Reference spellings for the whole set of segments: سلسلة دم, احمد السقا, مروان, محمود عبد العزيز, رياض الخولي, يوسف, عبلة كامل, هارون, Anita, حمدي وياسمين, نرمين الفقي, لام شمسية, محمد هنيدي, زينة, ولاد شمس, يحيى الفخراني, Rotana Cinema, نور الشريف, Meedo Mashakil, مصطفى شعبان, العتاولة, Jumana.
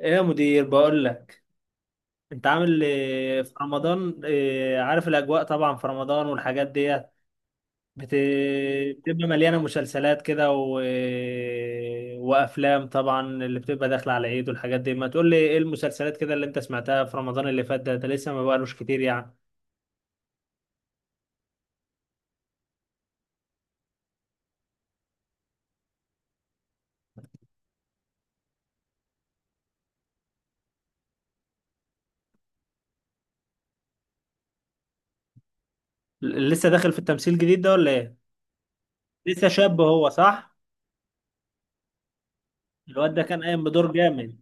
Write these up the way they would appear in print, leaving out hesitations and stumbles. ايه يا مدير بقول لك، انت عامل إيه في رمضان؟ إيه، عارف الاجواء طبعا في رمضان والحاجات ديت. بت- بتبقى مليانه مسلسلات كده وافلام طبعا اللي بتبقى داخله على العيد والحاجات دي. ما تقول لي ايه المسلسلات كده اللي انت سمعتها في رمضان اللي فات؟ ده لسه ما بقالوش كتير يعني. لسه داخل في التمثيل الجديد ده ولا ايه؟ لسه شاب هو، صح؟ الواد ده كان قايم بدور جامد.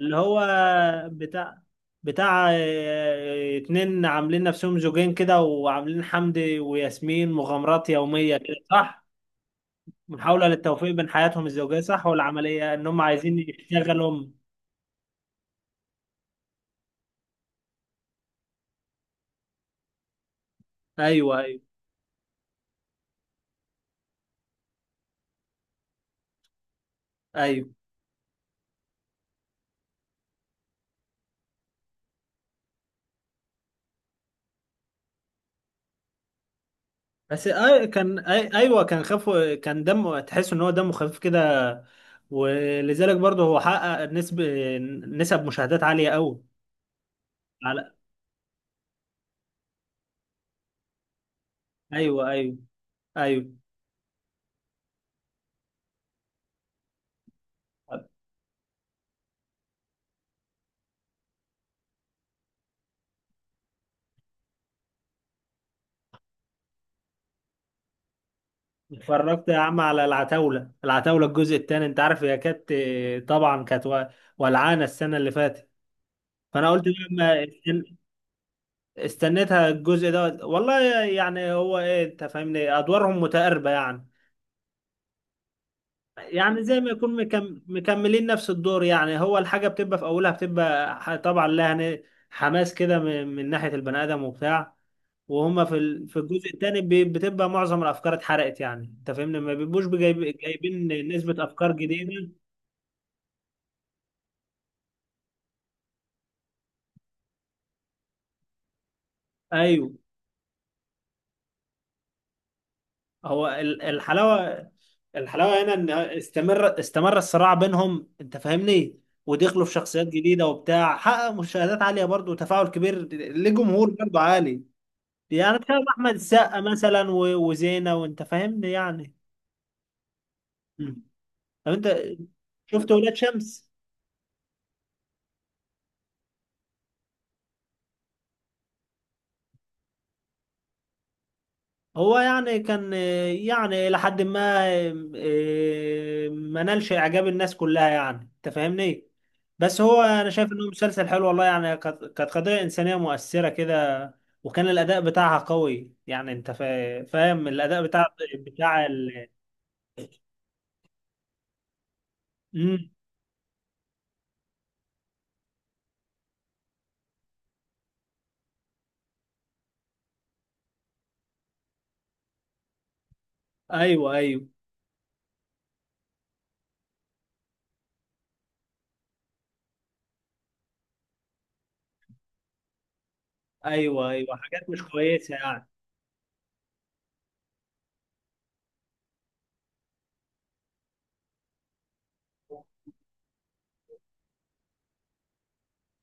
اللي هو بتاع، بتاع اتنين عاملين نفسهم زوجين كده، وعاملين حمدي وياسمين مغامرات يومية كده، صح؟ محاولة للتوفيق بين حياتهم الزوجية، صح؟ ولا عملية ان هم عايزين يشتغلوا. ايوه، ايوه، ايوه. بس أي كان، أي، ايوه، كان خفه، كان دمه، تحس ان هو دمه خفيف كده. ولذلك برضه هو حقق نسب، نسب مشاهدات عالية قوي. على، ايوه، ايوه، ايوه. اتفرجت يا عم على العتاولة، العتاولة الجزء الثاني، انت عارف. هي كانت طبعا كانت ولعانة السنة اللي فاتت، فانا قلت لما استنيتها الجزء ده والله. يعني هو ايه، انت فاهمني، ادوارهم متقاربة يعني. يعني زي ما يكون مكملين نفس الدور. يعني هو الحاجة بتبقى في أولها بتبقى طبعا لها حماس كده من ناحية البني آدم وبتاع. وهم في في الجزء التاني بتبقى معظم الأفكار اتحرقت يعني، أنت فاهمني. ما بيبقوش جايبين نسبة أفكار جديدة. أيوه. هو الحلاوة، الحلاوة هنا إن استمر، استمر الصراع بينهم، أنت فاهمني. ودخلوا في شخصيات جديدة وبتاع، حقق مشاهدات عالية برضه وتفاعل كبير لجمهور برضه عالي. يعني بسبب احمد السقا مثلا وزينة، وانت فاهمني يعني. مم. طب انت شفت ولاد شمس؟ هو يعني كان، يعني لحد ما، ما نالش اعجاب الناس كلها يعني، انت فاهمني. بس هو انا شايف انه مسلسل حلو والله يعني. كانت، كانت قضية انسانية مؤثرة كده. وكان الاداء بتاعها قوي يعني، انت فاهم الاداء بتاع، بتاع مم. ايوه، ايوه، ايوه، ايوه حاجات مش كويسة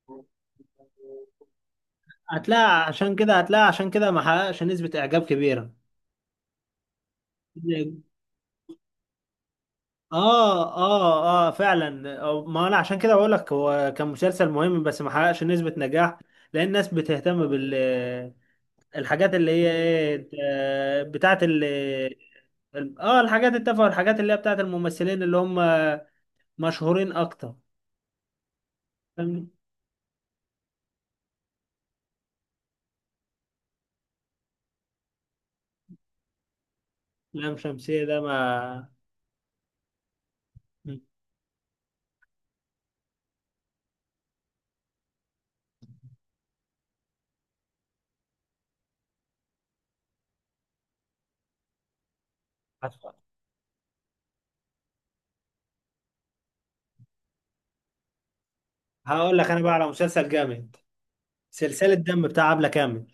يعني. هتلاقي عشان كده، هتلاقي عشان كده ما حققش نسبة إعجاب كبيرة. اه، اه، اه، فعلا. ما انا عشان كده بقول لك، هو كان مسلسل مهم بس ما حققش نسبة نجاح. لأن الناس بتهتم بال، الحاجات اللي هي ايه، آه، بتاعت ال، اه الحاجات التافهة، والحاجات اللي هي بتاعت الممثلين اللي هم مشهورين اكتر. فاهم؟ لام شمسية ده ما، هقول لك انا بقى على مسلسل جامد. سلسلة دم بتاع عبلة كامل،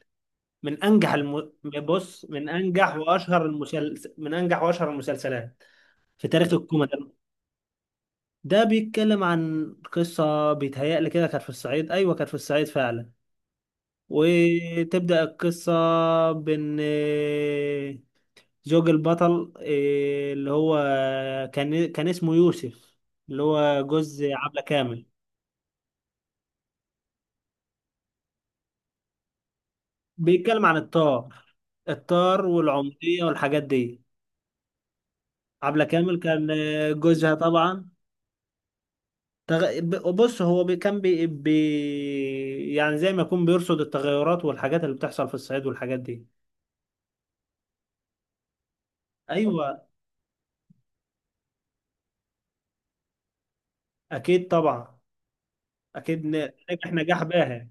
من انجح الم... بص من انجح واشهر من انجح واشهر المسلسلات في تاريخ الكوميدي. ده بيتكلم عن قصه بيتهيألي كده كانت في الصعيد، ايوه كانت في الصعيد فعلا. وتبدأ القصه بان زوج البطل، إيه، اللي هو كان، كان اسمه يوسف، اللي هو جوز عبلة كامل. بيتكلم عن الطار، الطار والعمودية والحاجات دي. عبلة كامل كان، آه، جوزها طبعا، بص هو كان يعني زي ما يكون بيرصد التغيرات والحاجات اللي بتحصل في الصعيد والحاجات دي. ايوه، اكيد طبعا، اكيد نجح نجاح باهر.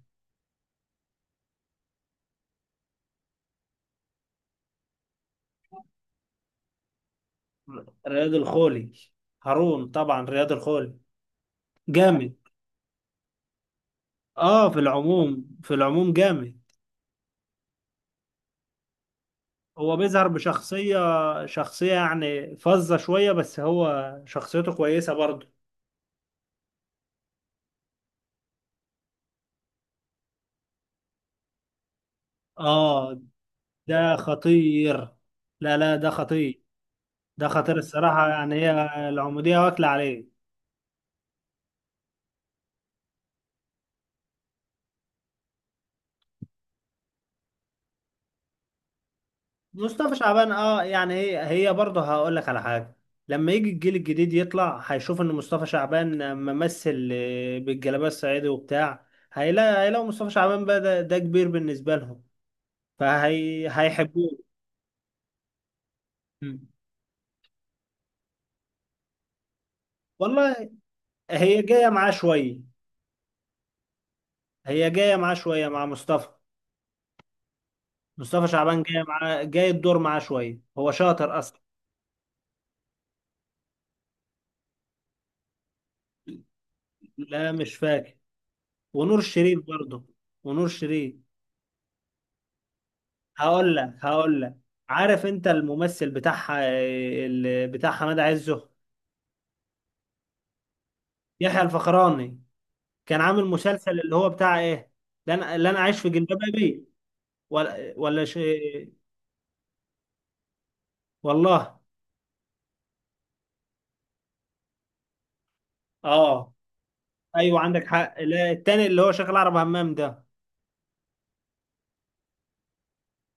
رياض الخولي، هارون طبعا، رياض الخولي جامد. اه، في العموم، في العموم جامد. هو بيظهر بشخصية، شخصية يعني فظة شوية، بس هو شخصيته كويسة برضه. اه، ده خطير. لا لا، ده خطير. ده خطير الصراحة يعني. هي العمودية واكلة عليه. مصطفى شعبان، اه، يعني هي، هي برضه هقول لك على حاجة. لما يجي الجيل الجديد يطلع هيشوف ان مصطفى شعبان ممثل، آه، بالجلابية الصعيدي وبتاع. هيلاقوا مصطفى شعبان بقى ده, ده كبير بالنسبة لهم، فهي هيحبوه. مم. والله هي جاية معاه شوية، هي جاية معاه شوية مع مصطفى. مصطفى شعبان جاية معاه، جاي الدور معاه شوية، هو شاطر أصلا. لا مش فاكر. ونور الشريف برضه، ونور الشريف. هقول لك، هقول لك. عارف انت الممثل بتاعها، بتاع حماد عزه. يحيى الفخراني كان عامل مسلسل اللي هو بتاع ايه؟ لا انا، لا انا عايش في جلباب ابي. ولا ولا شيء. والله. اه، ايوه عندك حق. لا، التاني اللي هو شغال عرب همام ده.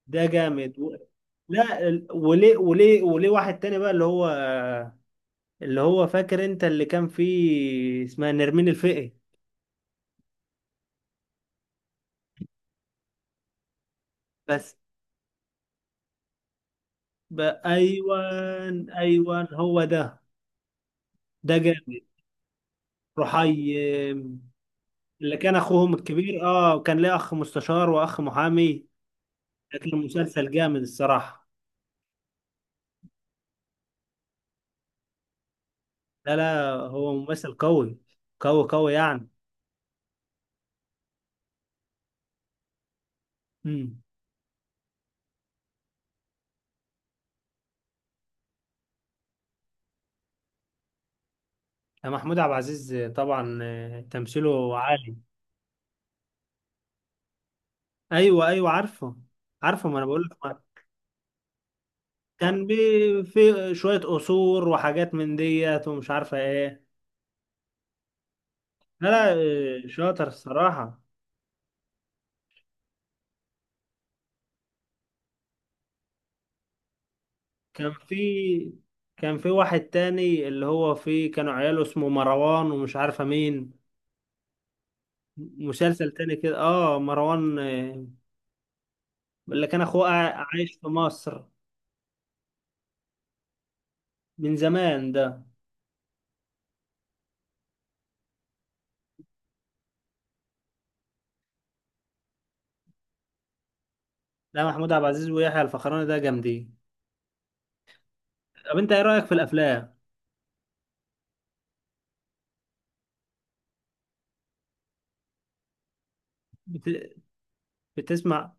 ده جامد لا وليه، وليه، وليه واحد تاني بقى اللي هو، اللي هو فاكر انت اللي كان فيه اسمها نرمين الفقي. بس ب... ايوه، ايوه، هو ده، ده جامد. رحي، اللي كان اخوهم الكبير، اه كان ليه اخ مستشار واخ محامي. لكن المسلسل جامد الصراحه. لا لا، هو ممثل قوي، قوي، قوي يعني. امم. محمود عبد العزيز طبعا، آه، تمثيله عالي. ايوه، ايوه عارفه، عارفه ما انا بقول لك كان بي في شويه قصور وحاجات من ديت ومش عارفه ايه. لا لا، آه، شاطر الصراحه. كان في، كان في واحد تاني اللي هو فيه كانوا عياله اسمه مروان ومش عارفة مين. مسلسل تاني كده، اه مروان، آه، اللي كان اخوه عايش في مصر من زمان ده. ده محمود عبد العزيز ويحيى الفخراني ده جامدين. طب انت ايه رأيك في الافلام؟ بت... بتسمع؟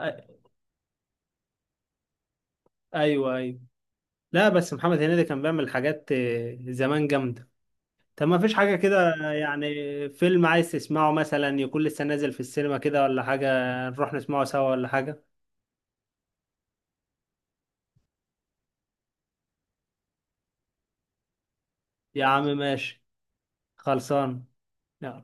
أ- ايوه، ايوه. لا بس محمد هنيدي كان بيعمل حاجات، آه، زمان جامدة. طب ما فيش حاجة كده يعني فيلم عايز تسمعه مثلا، يكون لسه نازل في السينما كده ولا حاجة؟ نروح نسمعه سوا ولا حاجة؟ يا عم ماشي، خلصان. يلا.